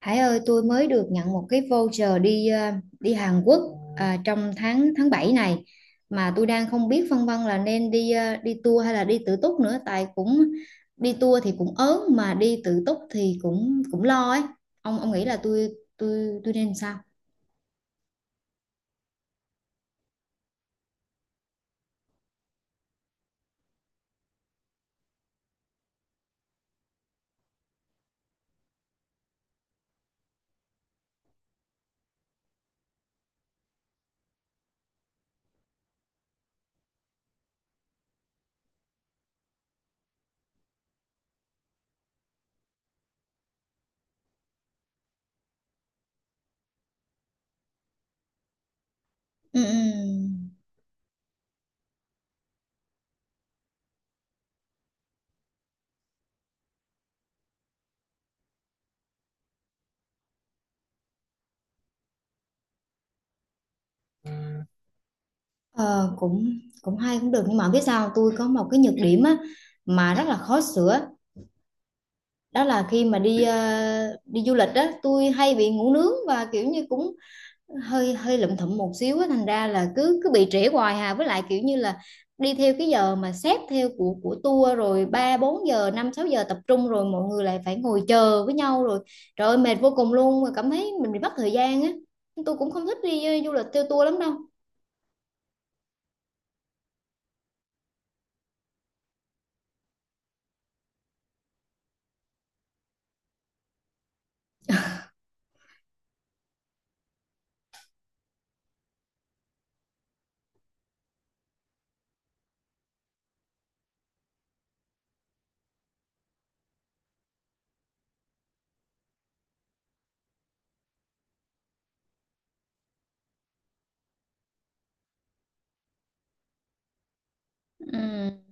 Hải ơi, tôi mới được nhận một cái voucher đi đi Hàn Quốc à, trong tháng tháng 7 này mà tôi đang không biết phân vân là nên đi đi tour hay là đi tự túc nữa tại cũng đi tour thì cũng ớn mà đi tự túc thì cũng cũng lo ấy. Ông nghĩ là tôi nên sao? Ừ, ừ. Ờ, cũng cũng hay cũng được nhưng mà biết sao không? Tôi có một cái nhược điểm á mà rất là khó sửa, đó là khi mà đi đi du lịch á tôi hay bị ngủ nướng và kiểu như cũng hơi hơi lụm thụm một xíu á, thành ra là cứ cứ bị trễ hoài hà, với lại kiểu như là đi theo cái giờ mà xét theo của tour rồi 3 4 giờ 5 6 giờ tập trung rồi mọi người lại phải ngồi chờ với nhau rồi trời ơi mệt vô cùng luôn mà cảm thấy mình bị mất thời gian á, tôi cũng không thích đi du lịch theo tour lắm đâu. Ừ.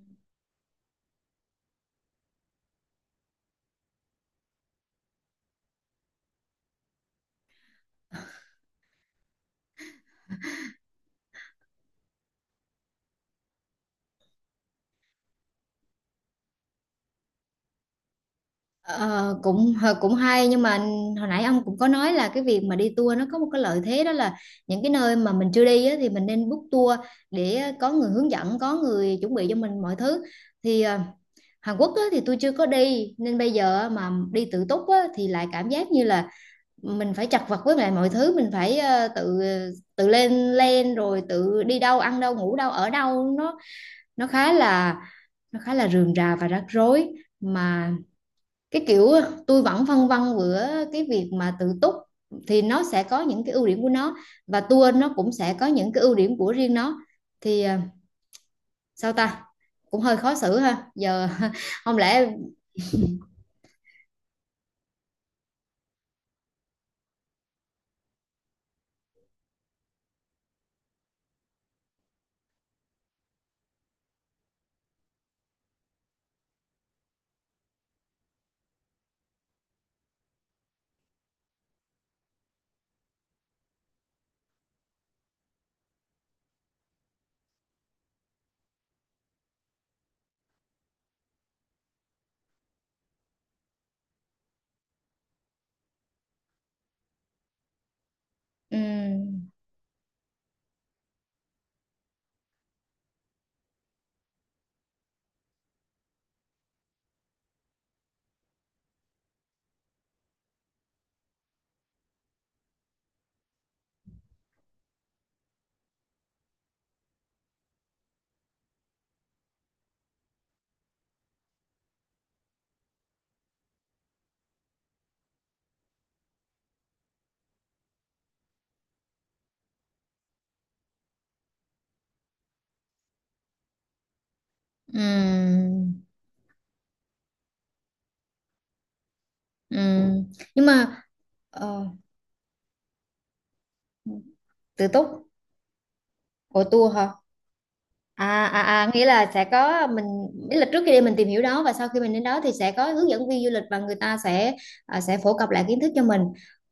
Ờ, cũng hay nhưng mà hồi nãy ông cũng có nói là cái việc mà đi tour nó có một cái lợi thế, đó là những cái nơi mà mình chưa đi á, thì mình nên book tour để có người hướng dẫn, có người chuẩn bị cho mình mọi thứ. Thì Hàn Quốc á, thì tôi chưa có đi nên bây giờ mà đi tự túc á, thì lại cảm giác như là mình phải chật vật với lại mọi thứ, mình phải tự tự lên lên rồi tự đi đâu ăn đâu ngủ đâu ở đâu, nó khá là nó khá là rườm rà và rắc rối mà. Cái kiểu tôi vẫn phân vân giữa cái việc mà tự túc thì nó sẽ có những cái ưu điểm của nó, và tour nó cũng sẽ có những cái ưu điểm của riêng nó. Thì sao ta, cũng hơi khó xử ha giờ không lẽ ừm, ừm, ừm. nhưng mà ờ, tự túc của tour hả? À, à, à, nghĩa là sẽ có mình, nghĩa là trước khi đi mình tìm hiểu đó và sau khi mình đến đó thì sẽ có hướng dẫn viên du lịch và người ta sẽ sẽ phổ cập lại kiến thức cho mình.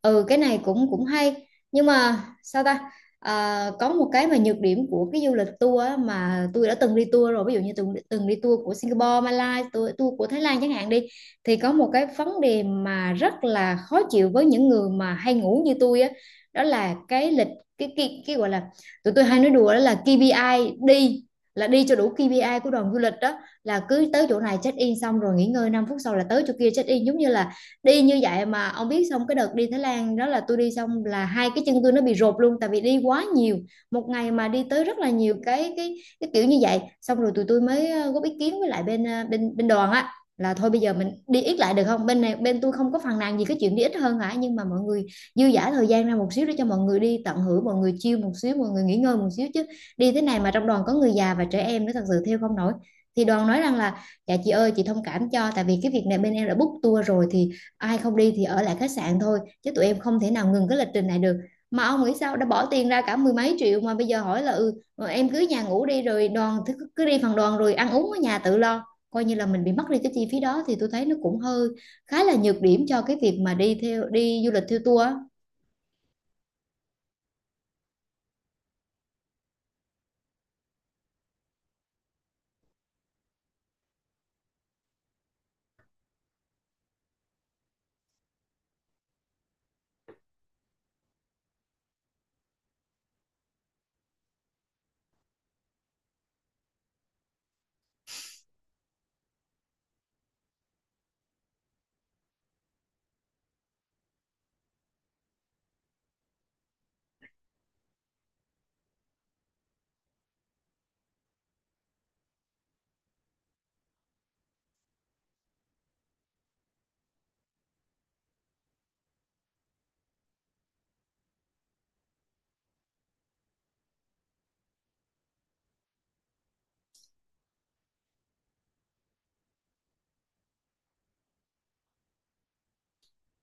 Ừ, cái này cũng cũng hay. Nhưng mà sao ta? À, có một cái mà nhược điểm của cái du lịch tour á, mà tôi đã từng đi tour rồi, ví dụ như từng từng đi tour của Singapore, Malaysia, tour của Thái Lan chẳng hạn đi, thì có một cái vấn đề mà rất là khó chịu với những người mà hay ngủ như tôi á, đó là cái lịch, cái gọi là tụi tôi hay nói đùa đó là KPI đi, là đi cho đủ KPI của đoàn du lịch đó, là cứ tới chỗ này check in xong rồi nghỉ ngơi 5 phút sau là tới chỗ kia check in, giống như là đi như vậy. Mà ông biết xong cái đợt đi Thái Lan đó là tôi đi xong là hai cái chân tôi nó bị rột luôn tại vì đi quá nhiều, một ngày mà đi tới rất là nhiều cái cái kiểu như vậy. Xong rồi tụi tôi mới góp ý kiến với lại bên ờ, bên bên đoàn á, là thôi bây giờ mình đi ít lại được không, bên này bên tôi không có phàn nàn gì cái chuyện đi ít hơn hả, nhưng mà mọi người dư dả thời gian ra một xíu để cho mọi người đi tận hưởng, mọi người chill một xíu, mọi người nghỉ ngơi một xíu chứ đi thế này mà trong đoàn có người già và trẻ em nữa thật sự theo không nổi. Thì đoàn nói rằng là dạ chị ơi chị thông cảm cho tại vì cái việc này bên em đã book tour rồi thì ai không đi thì ở lại khách sạn thôi chứ tụi em không thể nào ngừng cái lịch trình này được. Mà ông nghĩ sao đã bỏ tiền ra cả mười mấy triệu mà bây giờ hỏi là ừ em cứ nhà ngủ đi rồi đoàn cứ cứ đi phần đoàn rồi ăn uống ở nhà tự lo, coi như là mình bị mất đi cái chi phí đó thì tôi thấy nó cũng hơi khá là nhược điểm cho cái việc mà đi theo đi du lịch theo tour á.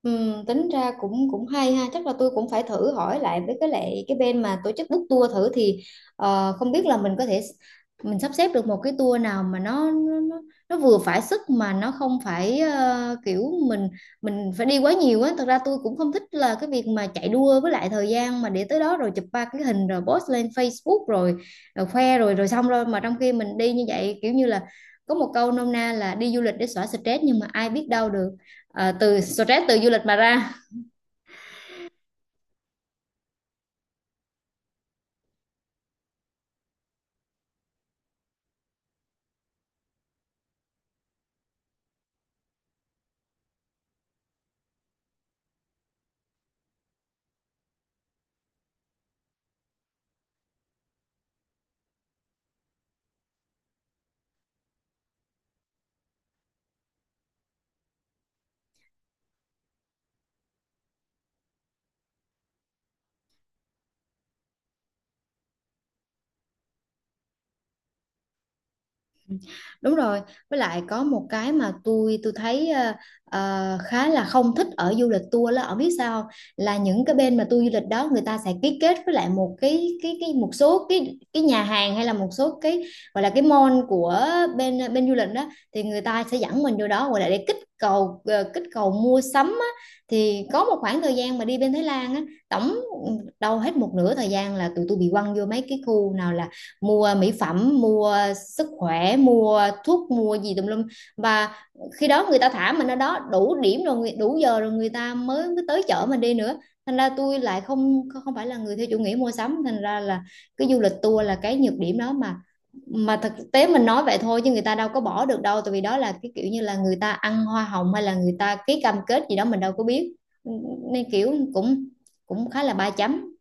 Ừ, tính ra cũng cũng hay ha, chắc là tôi cũng phải thử hỏi lại với cái lại cái bên mà tổ chức book tour thử thì không biết là mình có thể mình sắp xếp được một cái tour nào mà nó vừa phải sức mà nó không phải kiểu mình phải đi quá nhiều á. Thật ra tôi cũng không thích là cái việc mà chạy đua với lại thời gian mà để tới đó rồi chụp ba cái hình rồi post lên Facebook rồi, rồi khoe rồi rồi xong rồi, mà trong khi mình đi như vậy kiểu như là có một câu nôm na là đi du lịch để xóa stress nhưng mà ai biết đâu được. À, từ stress từ du lịch mà ra. Đúng rồi, với lại có một cái mà tôi thấy khá là không thích ở du lịch tour là, ở biết sao không? Là những cái bên mà tour du lịch đó người ta sẽ ký kết với lại một cái một số cái nhà hàng hay là một số cái gọi là cái mall của bên bên du lịch đó, thì người ta sẽ dẫn mình vô đó gọi là để kích cầu kích cầu mua sắm á. Thì có một khoảng thời gian mà đi bên Thái Lan á tổng ừ, đâu hết một nửa thời gian là tụi tôi bị quăng vô mấy cái khu nào là mua mỹ phẩm mua sức khỏe mua thuốc mua gì tùm lum, và khi đó người ta thả mình ở đó đủ điểm rồi đủ giờ rồi người ta mới mới tới chở mình đi nữa. Thành ra tôi lại không không phải là người theo chủ nghĩa mua sắm, thành ra là cái du lịch tour là cái nhược điểm đó mà. Mà thực tế mình nói vậy thôi chứ người ta đâu có bỏ được đâu, tại vì đó là cái kiểu như là người ta ăn hoa hồng hay là người ta ký cam kết gì đó mình đâu có biết, nên kiểu cũng cũng khá là ba chấm.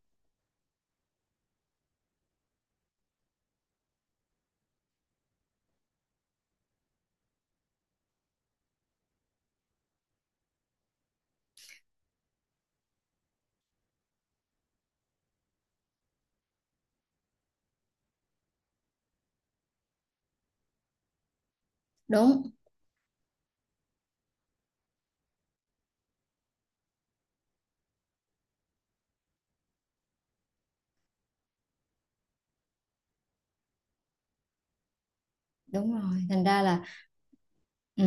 Đúng đúng rồi, thành ra là. Ừ.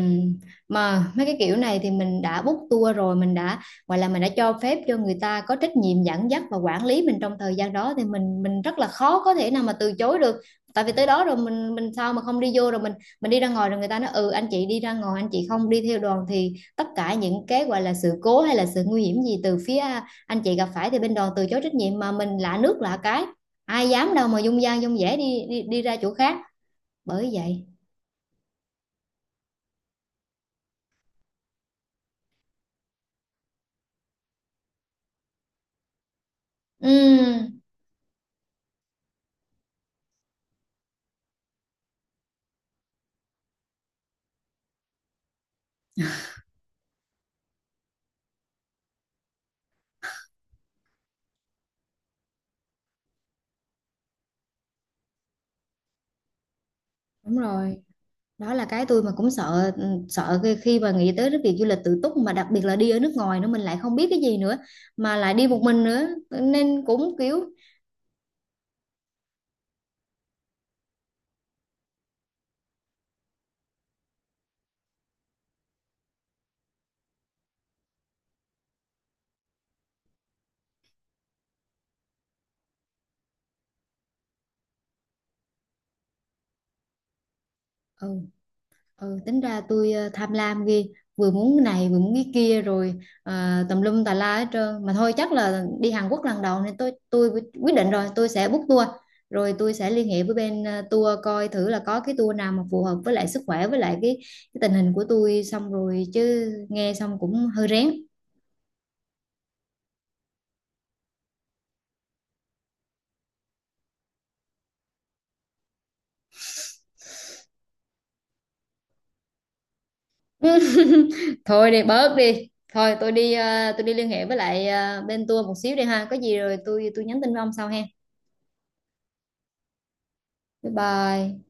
Mà mấy cái kiểu này thì mình đã book tour rồi, mình đã gọi là mình đã cho phép cho người ta có trách nhiệm dẫn dắt và quản lý mình trong thời gian đó thì mình rất là khó có thể nào mà từ chối được. Tại vì tới đó rồi mình sao mà không đi vô rồi mình đi ra ngoài rồi người ta nói ừ anh chị đi ra ngoài anh chị không đi theo đoàn thì tất cả những cái gọi là sự cố hay là sự nguy hiểm gì từ phía anh chị gặp phải thì bên đoàn từ chối trách nhiệm, mà mình lạ nước lạ cái ai dám đâu mà dung dang dung dẻ đi đi, đi ra chỗ khác. Bởi vậy. Ừ đúng rồi, đó là cái tôi mà cũng sợ, ừ, sợ khi khi mà nghĩ tới cái việc du lịch tự túc mà đặc biệt là đi ở nước ngoài nữa mình lại không biết cái gì nữa mà lại đi một mình nữa nên cũng kiểu. Ừ, ừ tính ra tôi tham lam ghê, vừa muốn cái này vừa muốn cái kia rồi tùm lum tà la hết trơn. Mà thôi chắc là đi Hàn Quốc lần đầu nên tôi quyết định rồi tôi sẽ book tour, rồi tôi sẽ liên hệ với bên tour coi thử là có cái tour nào mà phù hợp với lại sức khỏe với lại cái tình hình của tôi. Xong rồi chứ nghe xong cũng hơi rén. Thôi đi bớt đi, thôi tôi đi tôi đi liên hệ với lại bên tour một xíu đi ha, có gì rồi tôi nhắn tin với ông sau ha. Bye bye.